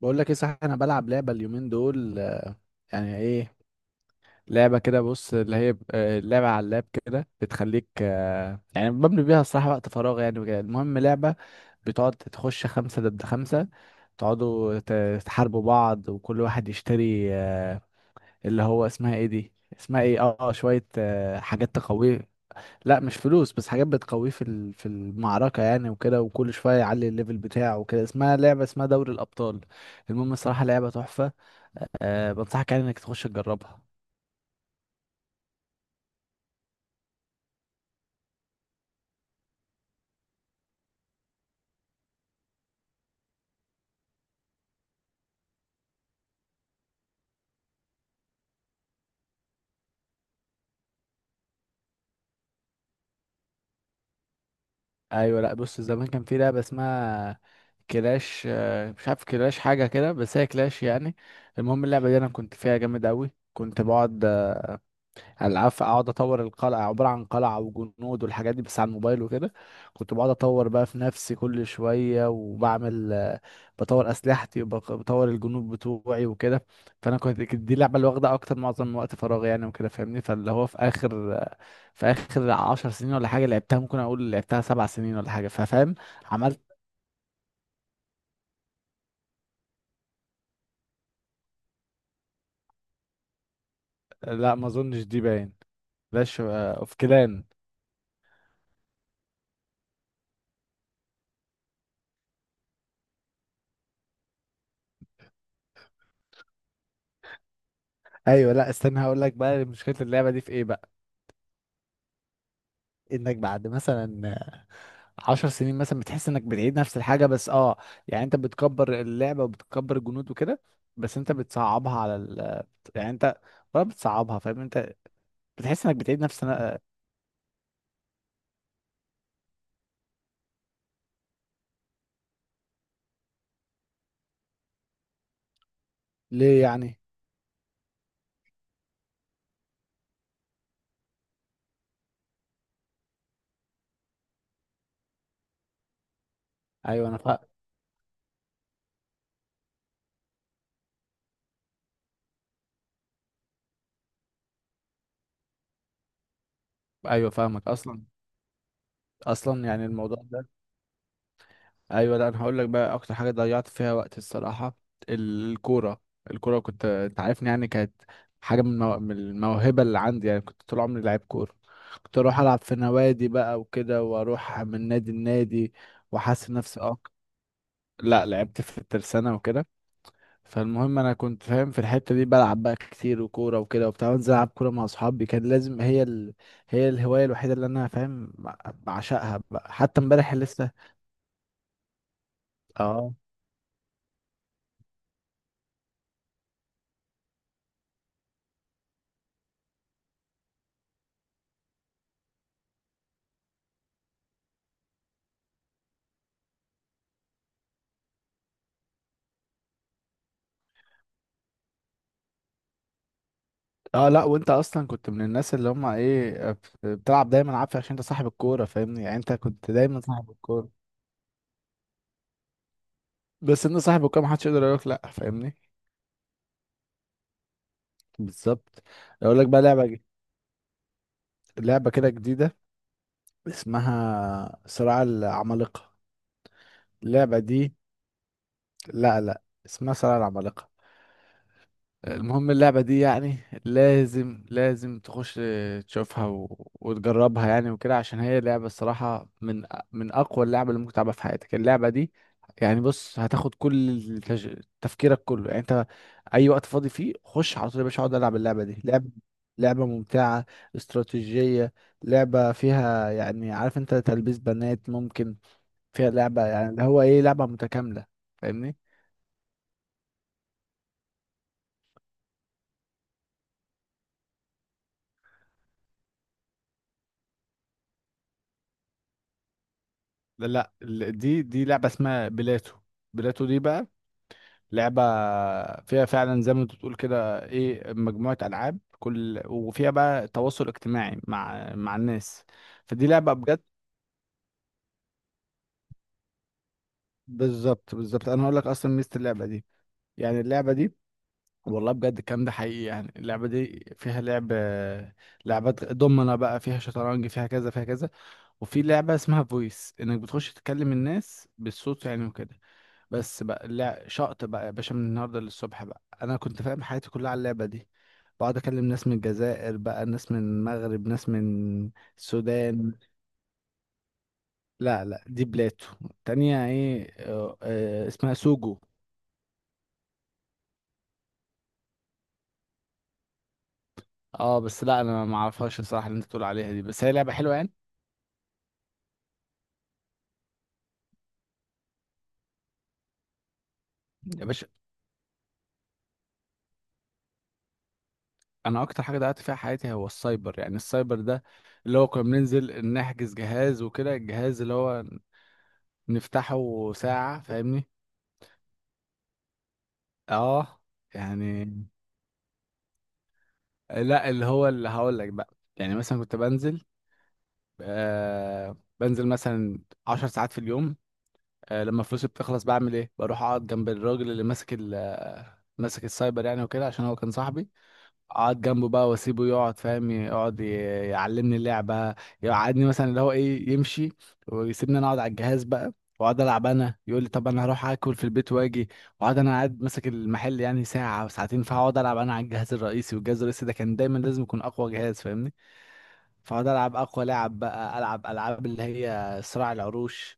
بقول لك ايه. صح، انا بلعب لعبه اليومين دول يعني ايه. لعبه كده، بص، اللي هي لعبه على اللاب كده، بتخليك يعني بملي بيها الصراحه وقت فراغ يعني وكده. المهم لعبه بتقعد تخش 5 ضد 5، تقعدوا تحاربوا بعض وكل واحد يشتري اللي هو اسمها ايه دي، اسمها ايه، شويه حاجات تقويه. لا مش فلوس، بس حاجات بتقويه في في المعركه يعني وكده، وكل شويه يعلي الليفل بتاعه وكده. اسمها لعبه، اسمها دوري الابطال. المهم الصراحه لعبه تحفه، أه بنصحك يعني انك تخش تجربها. ايوه، لا بص، زمان كان في لعبه اسمها كلاش، أه مش عارف كلاش حاجه كده، بس هي كلاش يعني. المهم اللعبه دي انا كنت فيها جامد قوي، كنت بقعد العاب اقعد اطور القلعه، عباره عن قلعه وجنود والحاجات دي، بس على الموبايل وكده. كنت بقعد اطور بقى في نفسي كل شويه وبعمل بطور اسلحتي وبطور الجنود بتوعي وكده. فانا كنت، كانت دي اللعبه اللي واخده اكتر معظم وقت فراغي يعني وكده، فاهمني. فاللي هو في اخر في اخر 10 سنين ولا حاجه لعبتها، ممكن اقول لعبتها 7 سنين ولا حاجه، ففاهم عملت. لا ما اظنش دي، باين كلاش اوف كلان. ايوه، لا استنى هقول لك بقى مشكله اللعبه دي في ايه بقى. انك بعد مثلا 10 سنين مثلا بتحس انك بتعيد نفس الحاجة، بس اه، يعني انت بتكبر اللعبة وبتكبر الجنود وكده، بس انت بتصعبها على ال، يعني انت ولا بتصعبها، فاهم انت، بتحس انك بتعيد نفس. ليه يعني؟ ايوه انا فا... ايوه فاهمك اصلا، اصلا يعني الموضوع ده. ايوه، لا انا هقول لك بقى اكتر حاجه ضيعت فيها وقت الصراحه، الكوره. الكوره كنت، انت عارفني يعني، كانت حاجه من من الموهبه اللي عندي يعني. كنت طول عمري لعيب كوره، كنت اروح العب في نوادي بقى وكده، واروح من نادي لنادي واحسن نفسي اكتر. لا لعبت في الترسانه وكده. فالمهم انا كنت فاهم في الحته دي، بلعب بقى كتير وكوره وكده وبتاع، وانزل العب كوره مع اصحابي. كان لازم هي هي الهوايه الوحيده اللي انا فاهم بعشقها بقى، حتى امبارح لسه. اه. اه، لا وانت اصلا كنت من الناس اللي هم ايه، بتلعب دايما عافية، عشان انت صاحب الكورة فاهمني، يعني انت كنت دايما صاحب الكورة. بس انت صاحب الكورة محدش يقدر يقولك لا، فاهمني. بالظبط. اقول لك بقى لعبة لعبة كده جديدة، اسمها صراع العمالقة. اللعبة دي، لا لا اسمها صراع العمالقة. المهم اللعبة دي يعني لازم لازم تخش تشوفها وتجربها يعني وكده، عشان هي لعبة الصراحة من من أقوى اللعبة اللي ممكن تلعبها في حياتك. اللعبة دي يعني، بص، هتاخد كل تفكيرك كله يعني. انت أي وقت فاضي فيه خش على طول يا باشا، اقعد ألعب اللعبة دي. لعبة، لعبة ممتعة، استراتيجية، لعبة فيها، يعني عارف انت، تلبيس بنات ممكن، فيها لعبة، يعني اللي هو ايه، لعبة متكاملة، فاهمني. لا لا، دي لعبة اسمها بلاتو. بلاتو دي بقى لعبة فيها فعلا زي ما انت بتقول كده ايه، مجموعة ألعاب كل، وفيها بقى تواصل اجتماعي مع الناس. فدي لعبة بجد. بالظبط بالظبط، انا هقول لك اصلا ميزة اللعبة دي، يعني اللعبة دي، والله بجد الكلام ده حقيقي. يعني اللعبة دي فيها لعب، لعبات دومنا بقى، فيها شطرنج، فيها كذا فيها كذا، وفي لعبة اسمها فويس انك بتخش تكلم الناس بالصوت يعني وكده. بس بقى لا شقط بقى يا باشا، من النهارده للصبح بقى انا كنت فاهم حياتي كلها على اللعبه دي. بقعد اكلم ناس من الجزائر بقى، ناس من المغرب، ناس من السودان. لا لا دي بلاتو، تانية ايه، اسمها سوجو. اه بس لا انا ما اعرفهاش الصراحه اللي انت بتقول عليها دي، بس هي لعبه حلوه يعني. يا باشا، انا اكتر حاجه ضيعت فيها حياتي هو السايبر، يعني السايبر ده اللي هو كنا بننزل نحجز جهاز وكده. الجهاز اللي هو نفتحه ساعه، فاهمني. اه يعني. لا اللي هو اللي هقول لك بقى، يعني مثلا كنت بنزل، آه بنزل مثلا 10 ساعات في اليوم. آه لما فلوسي بتخلص بعمل ايه، بروح اقعد جنب الراجل اللي ماسك ماسك السايبر يعني وكده، عشان هو كان صاحبي. اقعد جنبه بقى واسيبه يقعد، فاهم، يقعد يعلمني اللعبه. يقعدني مثلا اللي هو ايه، يمشي ويسيبني انا اقعد على الجهاز بقى، واقعد العب انا. يقول لي طب انا هروح اكل في البيت واجي، واقعد انا قاعد ماسك المحل يعني ساعه او ساعتين، فاقعد العب انا على الجهاز الرئيسي. والجهاز الرئيسي ده كان دايما لازم يكون اقوى جهاز، فاهمني. فاقعد العب اقوى لعب بقى، العب العاب اللي هي صراع العروش.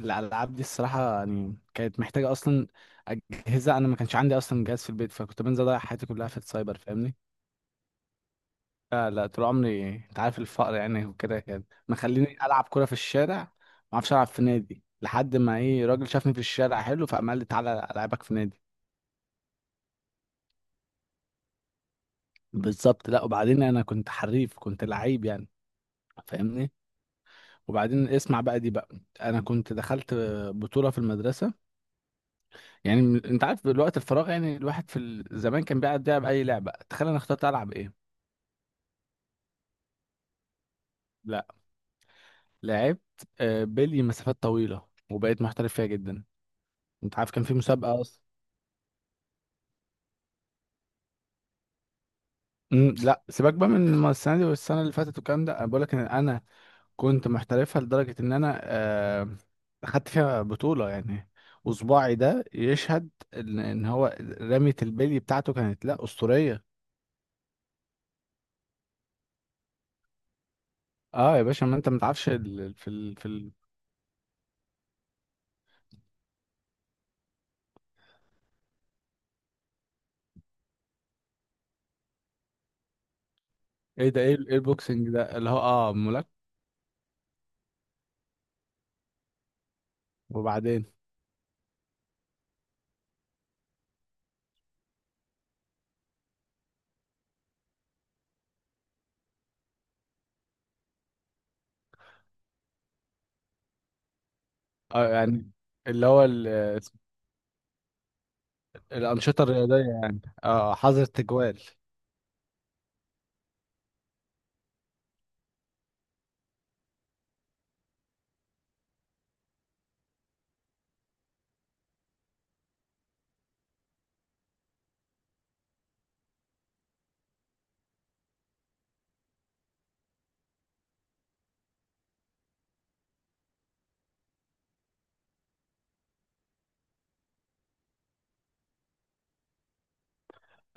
الالعاب دي الصراحه يعني كانت محتاجه اصلا اجهزه، انا ما كانش عندي اصلا جهاز في البيت، فكنت بنزل اضيع حياتي كلها في السايبر، فاهمني. لا لا، طول عمري انت عارف الفقر يعني وكده، يعني مخليني العب كرة في الشارع، ما اعرفش العب في نادي لحد ما ايه، راجل شافني في الشارع حلو، فقام قال لي تعالى العبك في نادي. بالظبط. لا وبعدين انا كنت حريف، كنت لعيب يعني، فاهمني. وبعدين اسمع بقى دي بقى، انا كنت دخلت بطولة في المدرسة. يعني انت عارف الوقت الفراغ يعني، الواحد في زمان كان بيقعد يلعب اي لعبة. تخيل انا اخترت العب ايه. لا لعبت بلي مسافات طويلة، وبقيت محترف فيها جدا. انت عارف كان في مسابقة اصلا. مم، لا سيبك بقى من السنه دي والسنه اللي فاتت والكلام ده، انا بقول لك ان انا كنت محترفها لدرجه ان انا اخدت فيها بطوله يعني. وصباعي ده يشهد إن هو رمية البلي بتاعته كانت لا اسطوريه. اه يا باشا، ما انت ما تعرفش ايه ده، ايه إيه البوكسنج ده، اللي هو اه ملاك. وبعدين، اه يعني، اللي هو الانشطه الرياضيه يعني، اه حظر تجوال.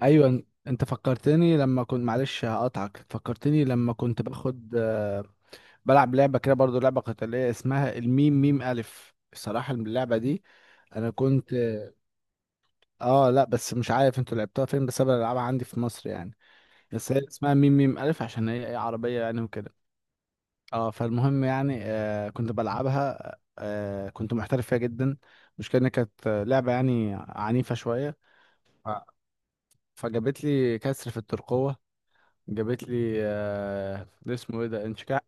ايوه انت فكرتني، لما كنت، معلش هقطعك، فكرتني لما كنت باخد، بلعب لعبه كده برضو، لعبه قتاليه، اسمها الميم ميم الف. الصراحه اللعبه دي انا كنت، اه لا بس مش عارف انتوا لعبتوها فين، بس انا بلعبها عندي في مصر يعني. بس هي اسمها ميم ميم الف، عشان هي إيه، عربيه يعني وكده. اه فالمهم يعني، آه كنت بلعبها، آه كنت محترف فيها جدا. المشكله إن كانت لعبه يعني عنيفه شويه. ف- فجابت لي كسر في الترقوه. جابت لي اسمه ايه ده، انشكاح.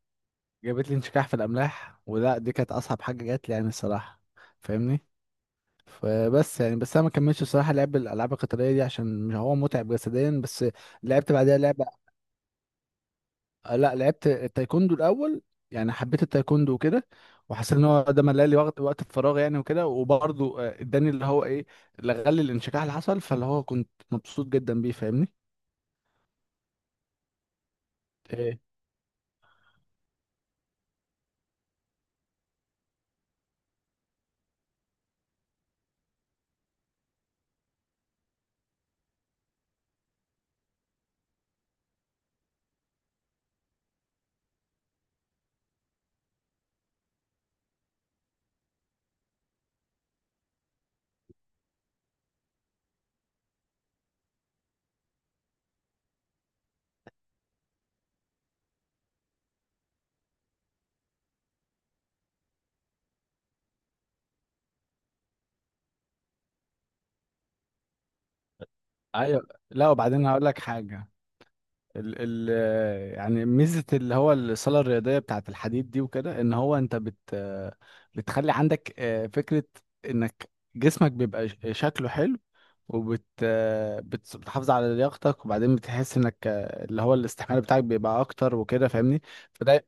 جابت لي انشكاح في الاملاح، ولا دي كانت اصعب حاجه جات لي يعني الصراحه، فاهمني. فبس يعني، بس انا ما كملتش الصراحه لعب الالعاب القتاليه دي، عشان هو متعب جسديا بس. لعبت بعدها لعبه، لا لعبت التايكوندو الاول، يعني حبيت التايكوندو وكده. وحسيت ان هو ده ملأ لي وقت وقت الفراغ يعني وكده، وبرضه اداني اللي هو ايه، لغلي الانشكاح اللي حصل. فاللي هو كنت مبسوط جدا بيه، فاهمني. ايه. ايوه، لا وبعدين هقول لك حاجه. ال يعني ميزة اللي هو الصالة الرياضية بتاعت الحديد دي وكده، ان هو انت بت، بتخلي عندك فكرة انك جسمك بيبقى شكله حلو، وبت آه، بت- بتحافظ على لياقتك. وبعدين بتحس انك اللي هو الاستحمال بتاعك بيبقى اكتر وكده، فاهمني. فده.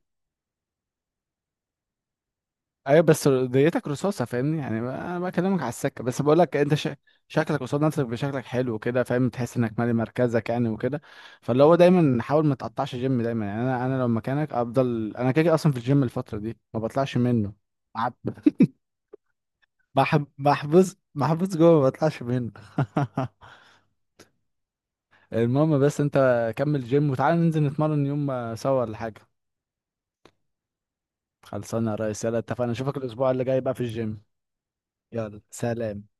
ايوه بس ديتك رصاصه، فاهمني يعني، انا بكلمك على السكه، بس بقول لك انت شكلك قصاد نفسك بشكلك حلو كده، فاهم، تحس انك مالي مركزك يعني وكده. فاللي هو دايما حاول ما تقطعش جيم دايما. يعني انا لو مكانك افضل، انا كده كده اصلا في الجيم الفتره دي ما بطلعش منه. عب- محبوس محبوس جوه، ما بطلعش منه. المهم، بس انت كمل جيم وتعالى ننزل نتمرن يوم سوا ولا حاجه. خلصانه يا ريس، يلا اتفقنا اشوفك الاسبوع اللي جاي بقى في الجيم. يلا سلام.